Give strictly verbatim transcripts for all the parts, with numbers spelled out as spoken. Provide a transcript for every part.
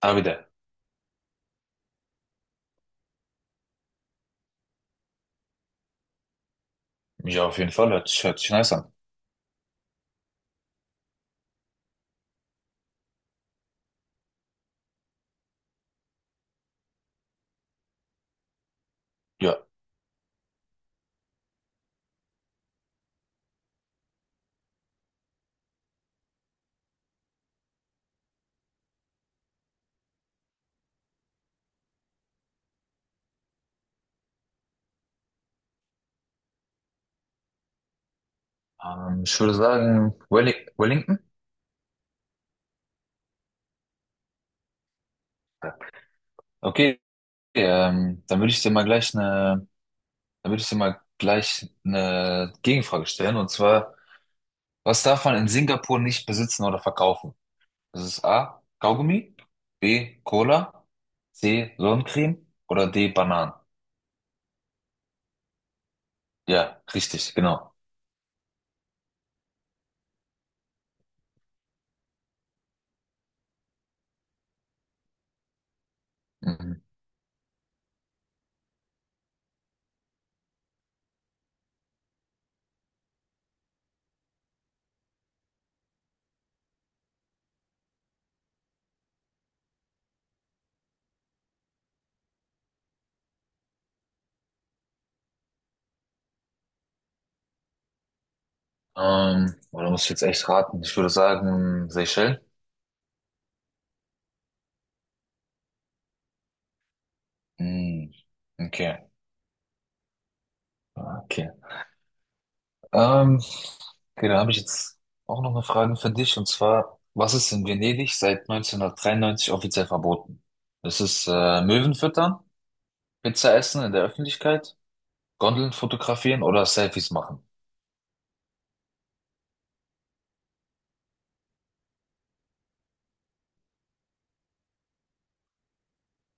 Ah, wieder. Ja, auf jeden Fall. Hört, sich- hört sich nice an. Ja, ähm, Ich würde sagen, Welling Wellington. Okay, ähm, dann würde ich dir mal gleich eine, dann würde ich dir mal gleich eine Gegenfrage stellen. Und zwar, was darf man in Singapur nicht besitzen oder verkaufen? Das ist A, Kaugummi, B, Cola, C, Sonnencreme oder D, Bananen. Ja, richtig, genau. Mhm. Ähm, oder muss ich jetzt echt raten? Ich würde sagen, Seychellen. Mhm. Okay, okay. Ähm, okay, dann habe ich jetzt auch noch eine Frage für dich, und zwar, was ist in Venedig seit neunzehnhundertdreiundneunzig offiziell verboten? Ist es äh, Möwen füttern, Pizza essen in der Öffentlichkeit, Gondeln fotografieren oder Selfies machen?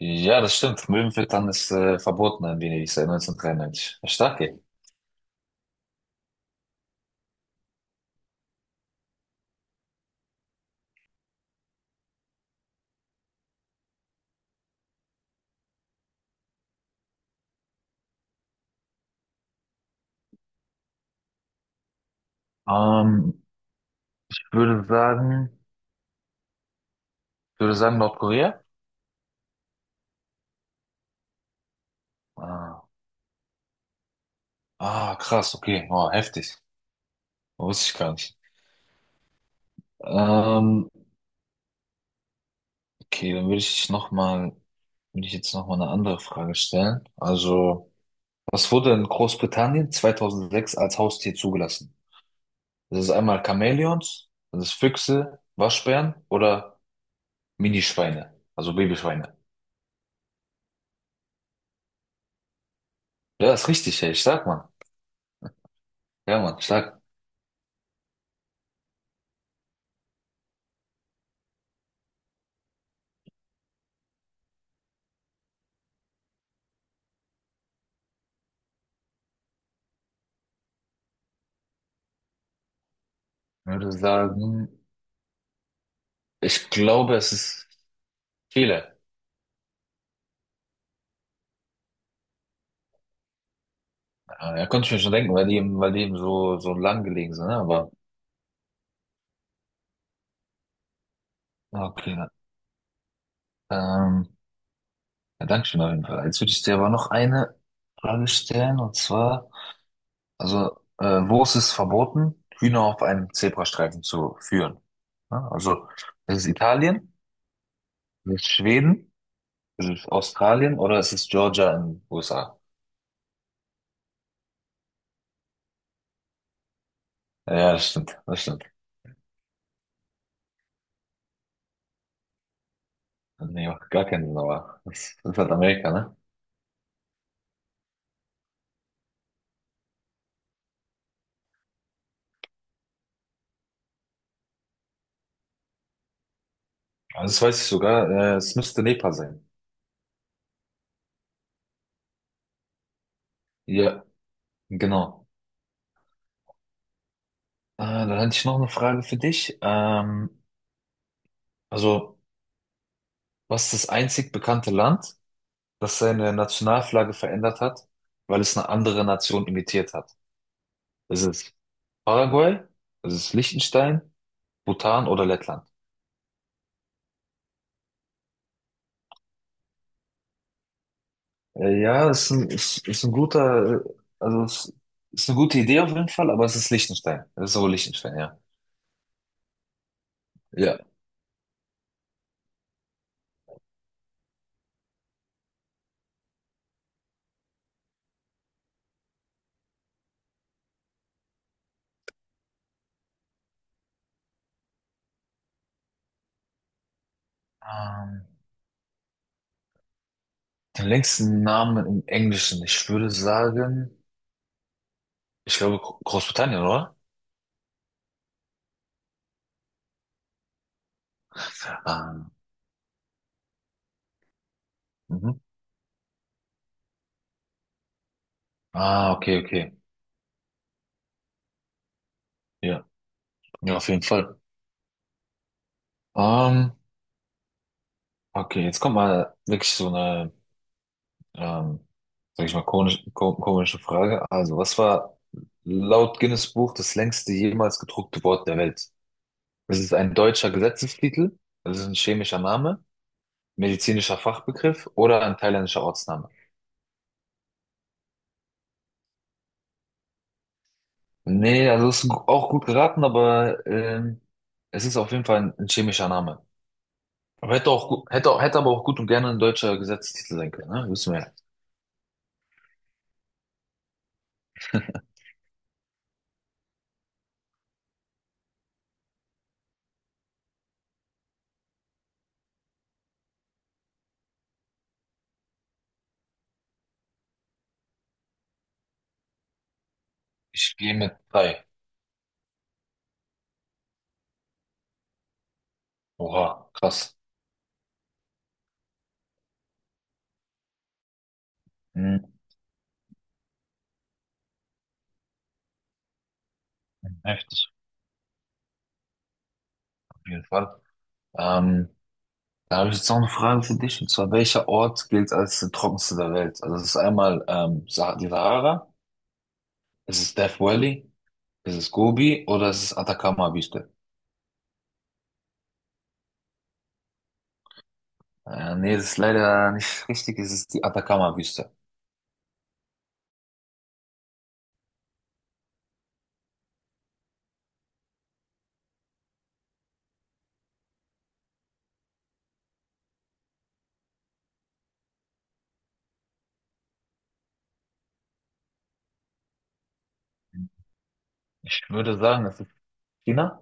Ja, das stimmt. Möwen füttern ist äh, verboten in Venedig seit neunzehnhundertdreiundneunzig. Stark, ey. Ähm, ich würde sagen, Ich würde sagen Nordkorea. Ah, ah, krass, okay, oh, heftig. Wusste ich gar nicht. Ähm, okay, dann würde ich noch mal würde ich jetzt noch mal eine andere Frage stellen. Also, was wurde in Großbritannien zweitausendsechs als Haustier zugelassen? Das ist einmal Chamäleons, das ist Füchse, Waschbären oder Minischweine, also Babyschweine. Ja, ist richtig, ey. Ich sag mal. Ja, Mann, stark. Ich würde sagen, Ich glaube, es ist Chile. Äh, Ja, konnte ich mir schon denken, weil die, eben- weil die eben so, so lang gelegen sind, ne? Aber, ah, okay. Ähm, ja, danke schön auf jeden Fall. Jetzt würde ich dir aber noch eine Frage stellen, und zwar, also, äh, wo ist es verboten, Hühner auf einem Zebrastreifen zu führen? Ja, also, ist es Italien, ist es Schweden, ist es Australien oder ist es Georgia in den U S A? Ja, das stimmt, das stimmt. Nee, macht gar keinen Sinn, aber das ist halt Amerika, ne? Also, das weiß ich sogar, äh, es müsste Nepal sein. Ja, genau. Äh, dann hätte ich noch eine Frage für dich. Ähm, also, was ist das einzig bekannte Land, das seine Nationalflagge verändert hat, weil es eine andere Nation imitiert hat? Ist es Paraguay? Ist es Liechtenstein? Bhutan oder Lettland? Äh, ja, ist ein, ist, ist ein guter, äh, also es ist eine gute Idee auf jeden Fall, aber es ist Liechtenstein. Es ist aber Liechtenstein, ja. Ja. Ähm, Den längsten Namen im Englischen, ich würde sagen, ich glaube Gro- Großbritannien, oder? Ah, mhm. Ah, okay, okay. Ja, ja, auf jeden Fall. Ähm, okay, jetzt kommt mal wirklich so eine Ähm, sag ich mal, komisch, ko- komische Frage. Also, was war laut Guinness Buch das längste jemals gedruckte Wort der Welt? Es ist ein deutscher Gesetzestitel? Also, es ist ein chemischer Name? Medizinischer Fachbegriff oder ein thailändischer Ortsname? Nee, also ist gu- auch gut geraten, aber ähm, es ist auf jeden Fall ein, ein chemischer Name. Aber hätte auch, gu- hätte, auch- hätte aber auch gut und gerne ein deutscher Gesetzestitel sein können, ne? Wissen wir ja. Ich gehe mit drei. Oha, krass. Hm, heftig, auf jeden Fall. Ähm, Da habe ich jetzt noch eine Frage für dich, und zwar, welcher Ort gilt als der trockenste der Welt? Also es ist einmal ähm, Sa- die Sahara, es ist Death Valley, es ist Gobi oder es ist Atacama-Wüste? Äh, nee, das ist leider nicht richtig, es ist die Atacama-Wüste. Ich würde sagen, es ist China.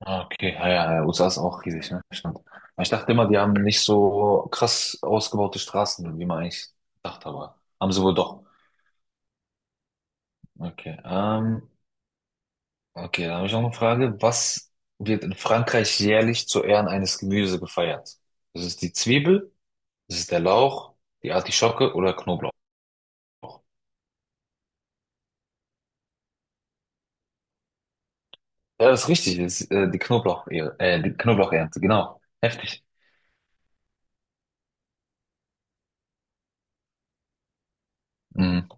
Ah, okay, ja, ja, ja, U S A ist auch riesig, ne? Stimmt. Aber ich dachte immer, die haben nicht so krass ausgebaute Straßen, wie man eigentlich dachte, aber haben sie wohl doch. Okay, ähm, okay, dann habe ich noch eine Frage. Was wird in Frankreich jährlich zu Ehren eines Gemüses gefeiert? Das ist die Zwiebel, das ist der Lauch, die Artischocke oder Knoblauch. Ja, das ist richtig, das ist, äh, die Knoblauch, äh, die Knoblauchernte, genau. Heftig. Mhm.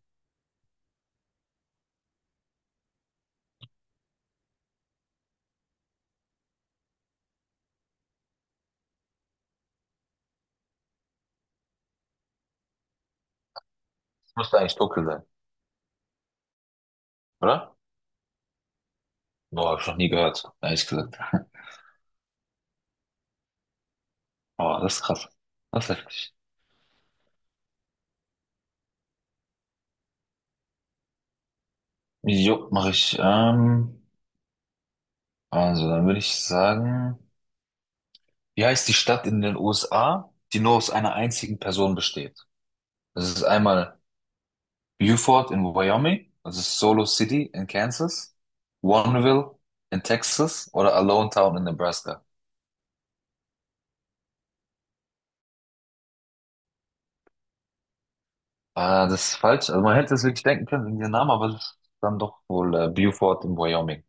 Das müsste eigentlich dunkel sein, oder? Boah, habe ich noch nie gehört, ehrlich gesagt. Boah, das ist krass. Das ist heftig. Jo, mache ich. Ähm, also, dann würde ich sagen, wie heißt die Stadt in den U S A, die nur aus einer einzigen Person besteht? Das ist einmal Beaufort in Wyoming, also Solo City in Kansas, Warrenville in Texas oder Alonetown in Nebraska. Ah, das ist falsch. Also man hätte es wirklich denken können wegen dem Namen, aber es ist dann doch wohl äh, Beaufort in Wyoming.